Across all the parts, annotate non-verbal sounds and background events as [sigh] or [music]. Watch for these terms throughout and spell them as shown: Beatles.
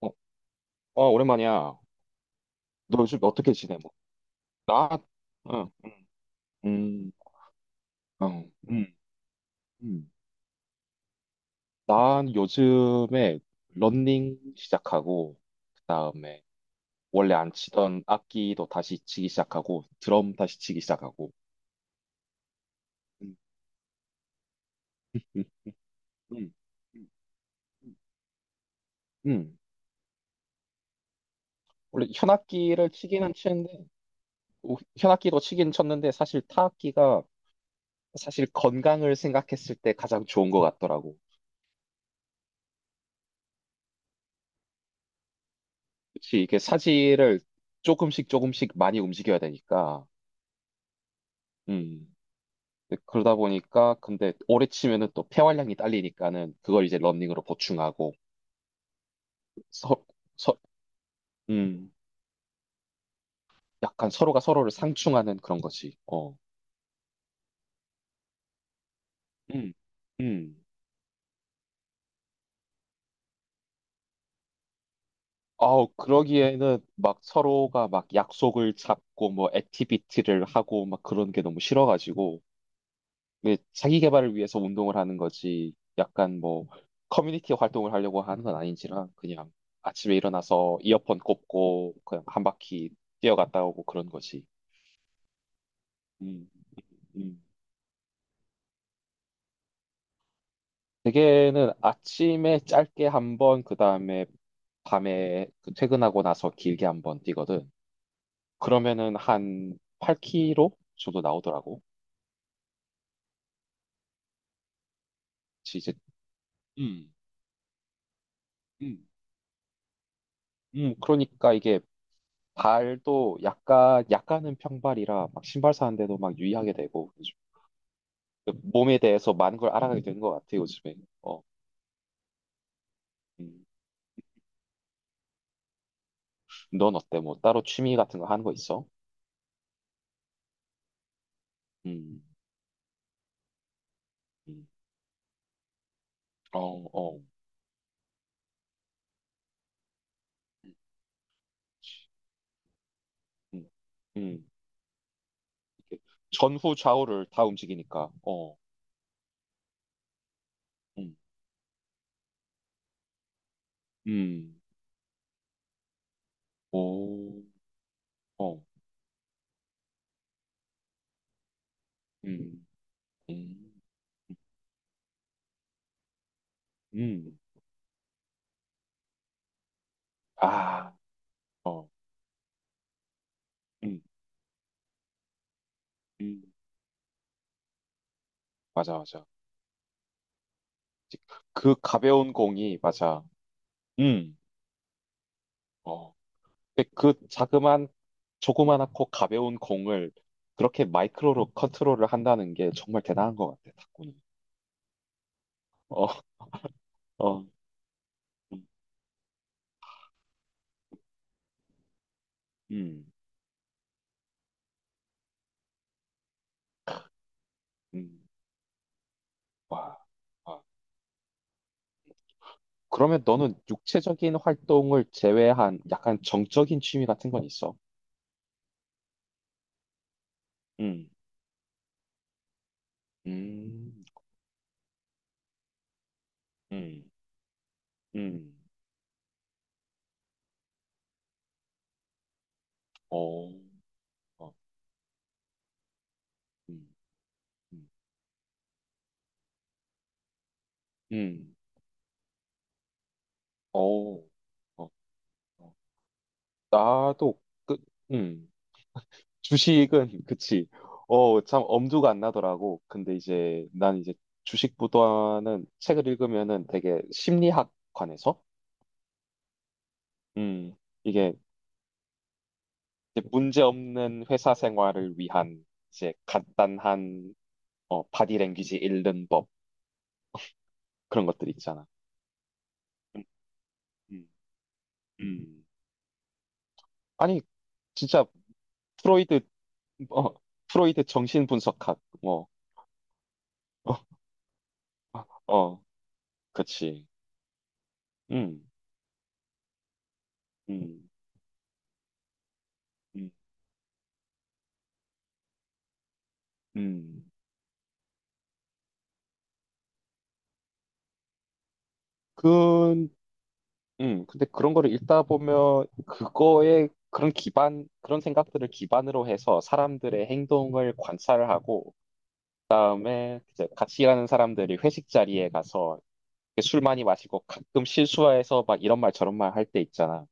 어, 어, 오랜만이야. 너 요즘 어떻게 지내? 뭐, 나, 응, 음, 어, 음, 음. 난 요즘에 러닝 시작하고, 그다음에 원래 안 치던 악기도 다시 치기 시작하고, 드럼 다시 치기 시작하고. 음, 음, 음, 음. 음. 음. 원래 현악기를 치기는 치는데, 오, 현악기도 치긴 쳤는데, 사실 타악기가 사실 건강을 생각했을 때 가장 좋은 것 같더라고. 그치, 이게 사지를 조금씩 조금씩 많이 움직여야 되니까. 음. 근데 오래 치면은 또 폐활량이 딸리니까는 그걸 이제 러닝으로 보충하고, 서, 서, 음. 약간 서로가 서로를 상충하는 그런 거지. 어. 음. 음. 아우, 그러기에는 막 서로가 막 약속을 잡고 뭐 액티비티를 하고 막 그런 게 너무 싫어가지고, 이게 자기 개발을 위해서 운동을 하는 거지 약간 뭐 커뮤니티 활동을 하려고 하는 건 아닌지라 그냥 아침에 일어나서 이어폰 꽂고 그냥 한 바퀴 뛰어갔다 오고 그런 거지. 음, 음. 대개는 아침에 짧게 한 번, 그 다음에 밤에 그 퇴근하고 나서 길게 한 번 뛰거든. 그러면은 한 8km 정도 나오더라고. 그치, 이제 음, 음, 그러니까 이게 발도 약간은 평발이라 막 신발 사는데도 막 유의하게 되고 요즘 몸에 대해서 많은 걸 알아가게 되는 것 같아 요즘에. 어, 음. 넌 어때? 뭐 따로 취미 같은 거 하는 거 있어? 음, 음. 어, 어, 음, 음, 음. 이렇게 전후 좌우를 다 움직이니까. 어, 음, 음, 오, 어, 음, 음, 음. 아, 어, 음, 음. 맞아, 맞아. 그 가벼운 공이 맞아. 음. 어. 근데 그 자그만 조그만하고 가벼운 공을 그렇게 마이크로로 컨트롤을 한다는 게 정말 대단한 것 같아, 탁구는. 어, 어, 음, 음, 음, 와. 와. 그러면 너는 육체적인 활동을 제외한 약간 정적인 취미 같은 건 있어? 음, 음, 음, 음, 어, 어, 음, 음, 음, 어, 어, 어. 나도, 그, 음. 주식은 [laughs] 그치. 참 엄두가 안 나더라고. 근데 이제 난 이제 주식보다는 책을 읽으면은 되게 심리학 관해서 음, 이게 이제 문제 없는 회사 생활을 위한 이제 간단한 어, 바디랭귀지 읽는 법 그런 것들이 있잖아. 음, 음, 음. 아니 진짜 프로이드 어, 프로이드 정신 분석학 뭐 어, 어, 그치. 음, 음, 음, 음. 그 근데 그런 거를 읽다 보면 그거에 그런 기반, 그런 생각들을 기반으로 해서 사람들의 행동을 관찰을 하고, 그다음에 이제 같이 일하는 사람들이 회식 자리에 가서 술 많이 마시고 가끔 실수해서 막 이런 말 저런 말 할 때 있잖아.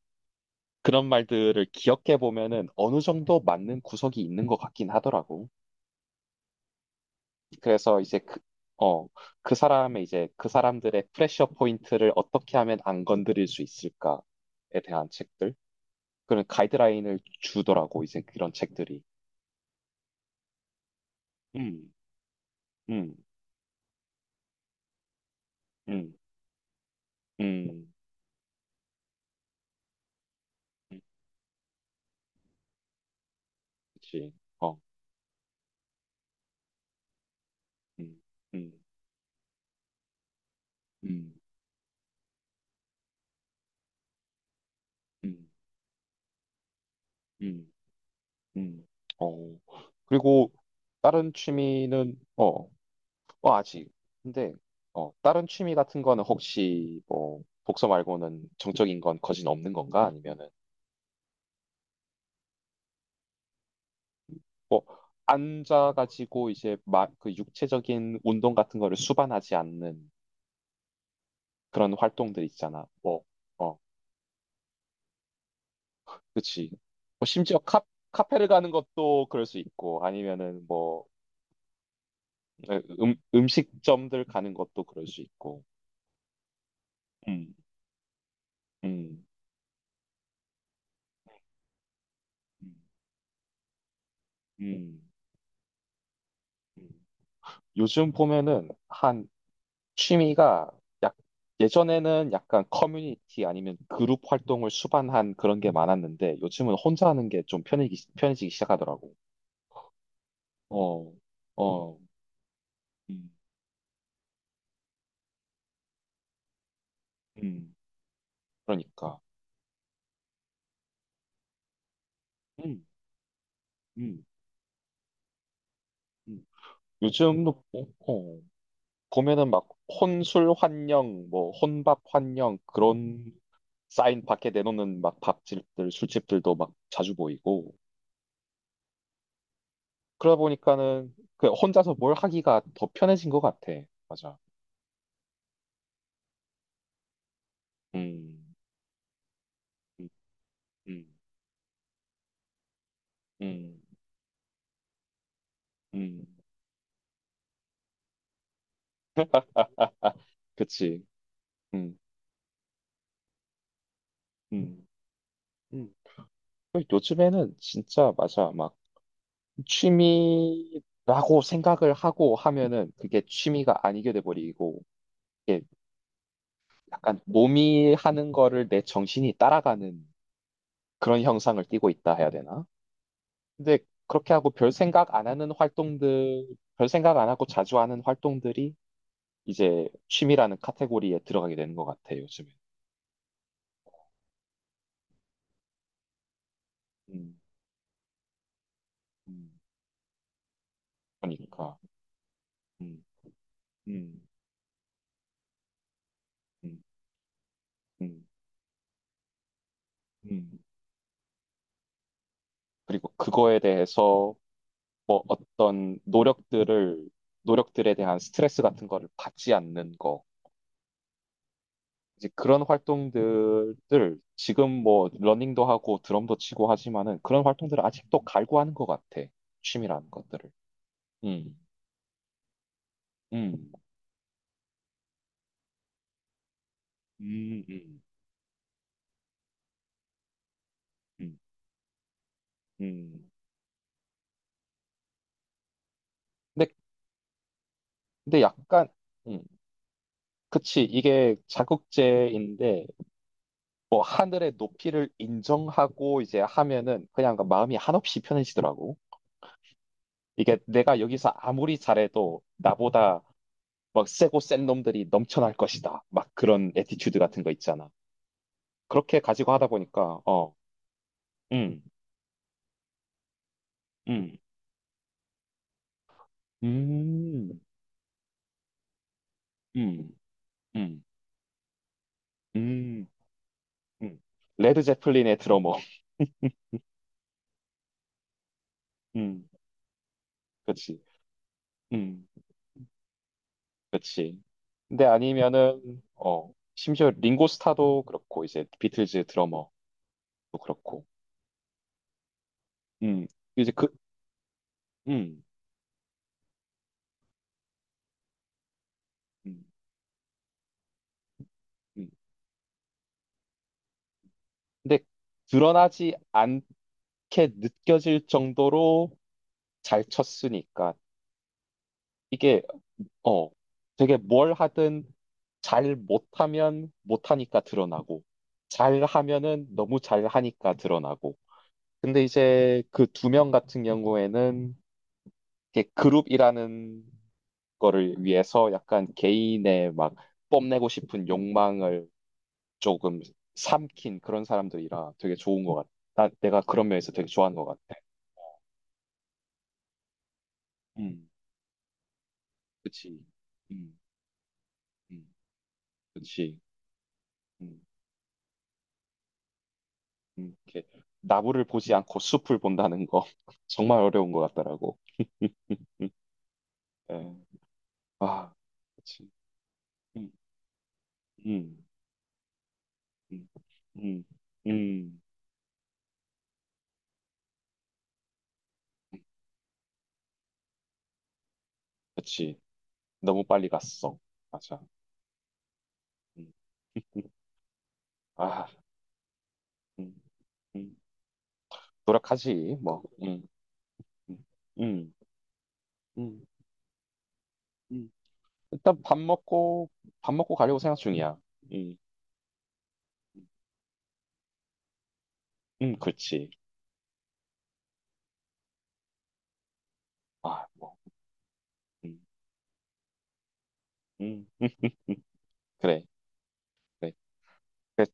그런 말들을 기억해 보면은 어느 정도 맞는 구석이 있는 것 같긴 하더라고. 그래서 이제 그, 어, 그 사람의 이제 그 사람들의 프레셔 포인트를 어떻게 하면 안 건드릴 수 있을까에 대한 책들. 그런 가이드라인을 주더라고 이제 그런 책들이. 음, 음, 음, 음, 음, 그치. 어, 음, 음, 음, 음, 음, 음. 어. 그리고 다른 취미는 아직. 근데 다른 취미 같은 거는 혹시 뭐 독서 말고는 정적인 건 거진 없는 건가? 아니면은 뭐 앉아가지고 이제 막 그 육체적인 운동 같은 거를 수반하지 않는 그런 활동들 있잖아. 뭐 어, 그치. 뭐 심지어 카페를 가는 것도 그럴 수 있고, 아니면은 뭐 음식점들 가는 것도 그럴 수 있고. 음, 음, 음, 음. 요즘 보면은 취미가 약, 예전에는 약간 커뮤니티 아니면 그룹 활동을 수반한 그런 게 많았는데, 요즘은 혼자 하는 게 좀 편해지기 시작하더라고. 어, 어, 음, 음, 그러니까. 음, 음, 음. 요즘도, 어, 어. 보면은 막 혼술 환영, 뭐 혼밥 환영 그런 사인 밖에 내놓는 막 밥집들, 술집들도 막 자주 보이고 그러다 보니까는 그 혼자서 뭘 하기가 더 편해진 것 같아. 맞아. 음, 음, 음, 음, 음. 그치. 음, 음, 음. 그리고 요즘에는 진짜 맞아. 막 취미라고 생각을 하고 하면은 그게 취미가 아니게 돼버리고 약간 몸이 하는 거를 내 정신이 따라가는 그런 형상을 띠고 있다 해야 되나? 근데 그렇게 하고 별 생각 안 하는 활동들, 별 생각 안 하고 자주 하는 활동들이 이제 취미라는 카테고리에 들어가게 되는 것 같아, 요즘에. 음, 음, 그러니까. 음, 음, 음, 음, 음. 그리고 그거에 대해서 뭐 어떤 노력들에 대한 스트레스 같은 거를 받지 않는 거. 이제 그런 활동들을 지금 뭐 러닝도 하고 드럼도 치고 하지만은 그런 활동들을 아직도 갈고 하는 것 같아. 취미라는 것들을. 음, 음, 음, 음, 음, 음. 근데, 근데 약간, 음, 그치. 이게 자극제인데 뭐 하늘의 높이를 인정하고 이제 하면은 그냥 그 마음이 한없이 편해지더라고. 이게 내가 여기서 아무리 잘해도 나보다 막 세고 센 놈들이 넘쳐날 것이다. 막 그런 에티튜드 같은 거 있잖아. 그렇게 가지고 하다 보니까 어, 음, 음, 음, 음, 음, 음, 음. 레드 제플린의 드러머, [laughs] 음, 그렇지, 음. 그렇지. 근데 아니면은 심지어 링고 스타도 그렇고 이제 비틀즈 드러머도 그렇고 음, 이제 그 음, 음, 음. 근데 드러나지 않게 느껴질 정도로 잘 쳤으니까 이게 어, 되게 뭘 하든 잘 못하면 못하니까 드러나고, 잘 하면은 너무 잘 하니까 드러나고. 근데 이제 그 두 명 같은 경우에는 이렇게 그룹이라는 거를 위해서 약간 개인의 막 뽐내고 싶은 욕망을 조금 삼킨 그런 사람들이라 되게 좋은 것 같아. 내가 그런 면에서 되게 좋아하는 것 같아. 음, 그치. 음, 음, 그치. 이렇게 나무를 보지 않고 숲을 본다는 거 [laughs] 정말 어려운 것 같더라고. [laughs] 예. 아, 그치. 음, 음, 음, 음, 음. 그치. 너무 빨리 갔어. 맞아. 음, [laughs] 아, 음, 음. 노력하지, 뭐. 음, 음, 음. 음. 일단 밥 먹고, 밥 먹고 가려고 생각 중이야. 음, 음, 그렇지. 아, 뭐. 음, 음. [laughs] 그래, 그래.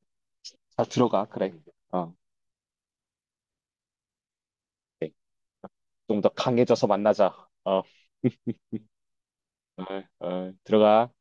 자, 들어가. 그래. 어. 좀 더 강해져서 만나자. 어, [laughs] 어, 어, 들어가.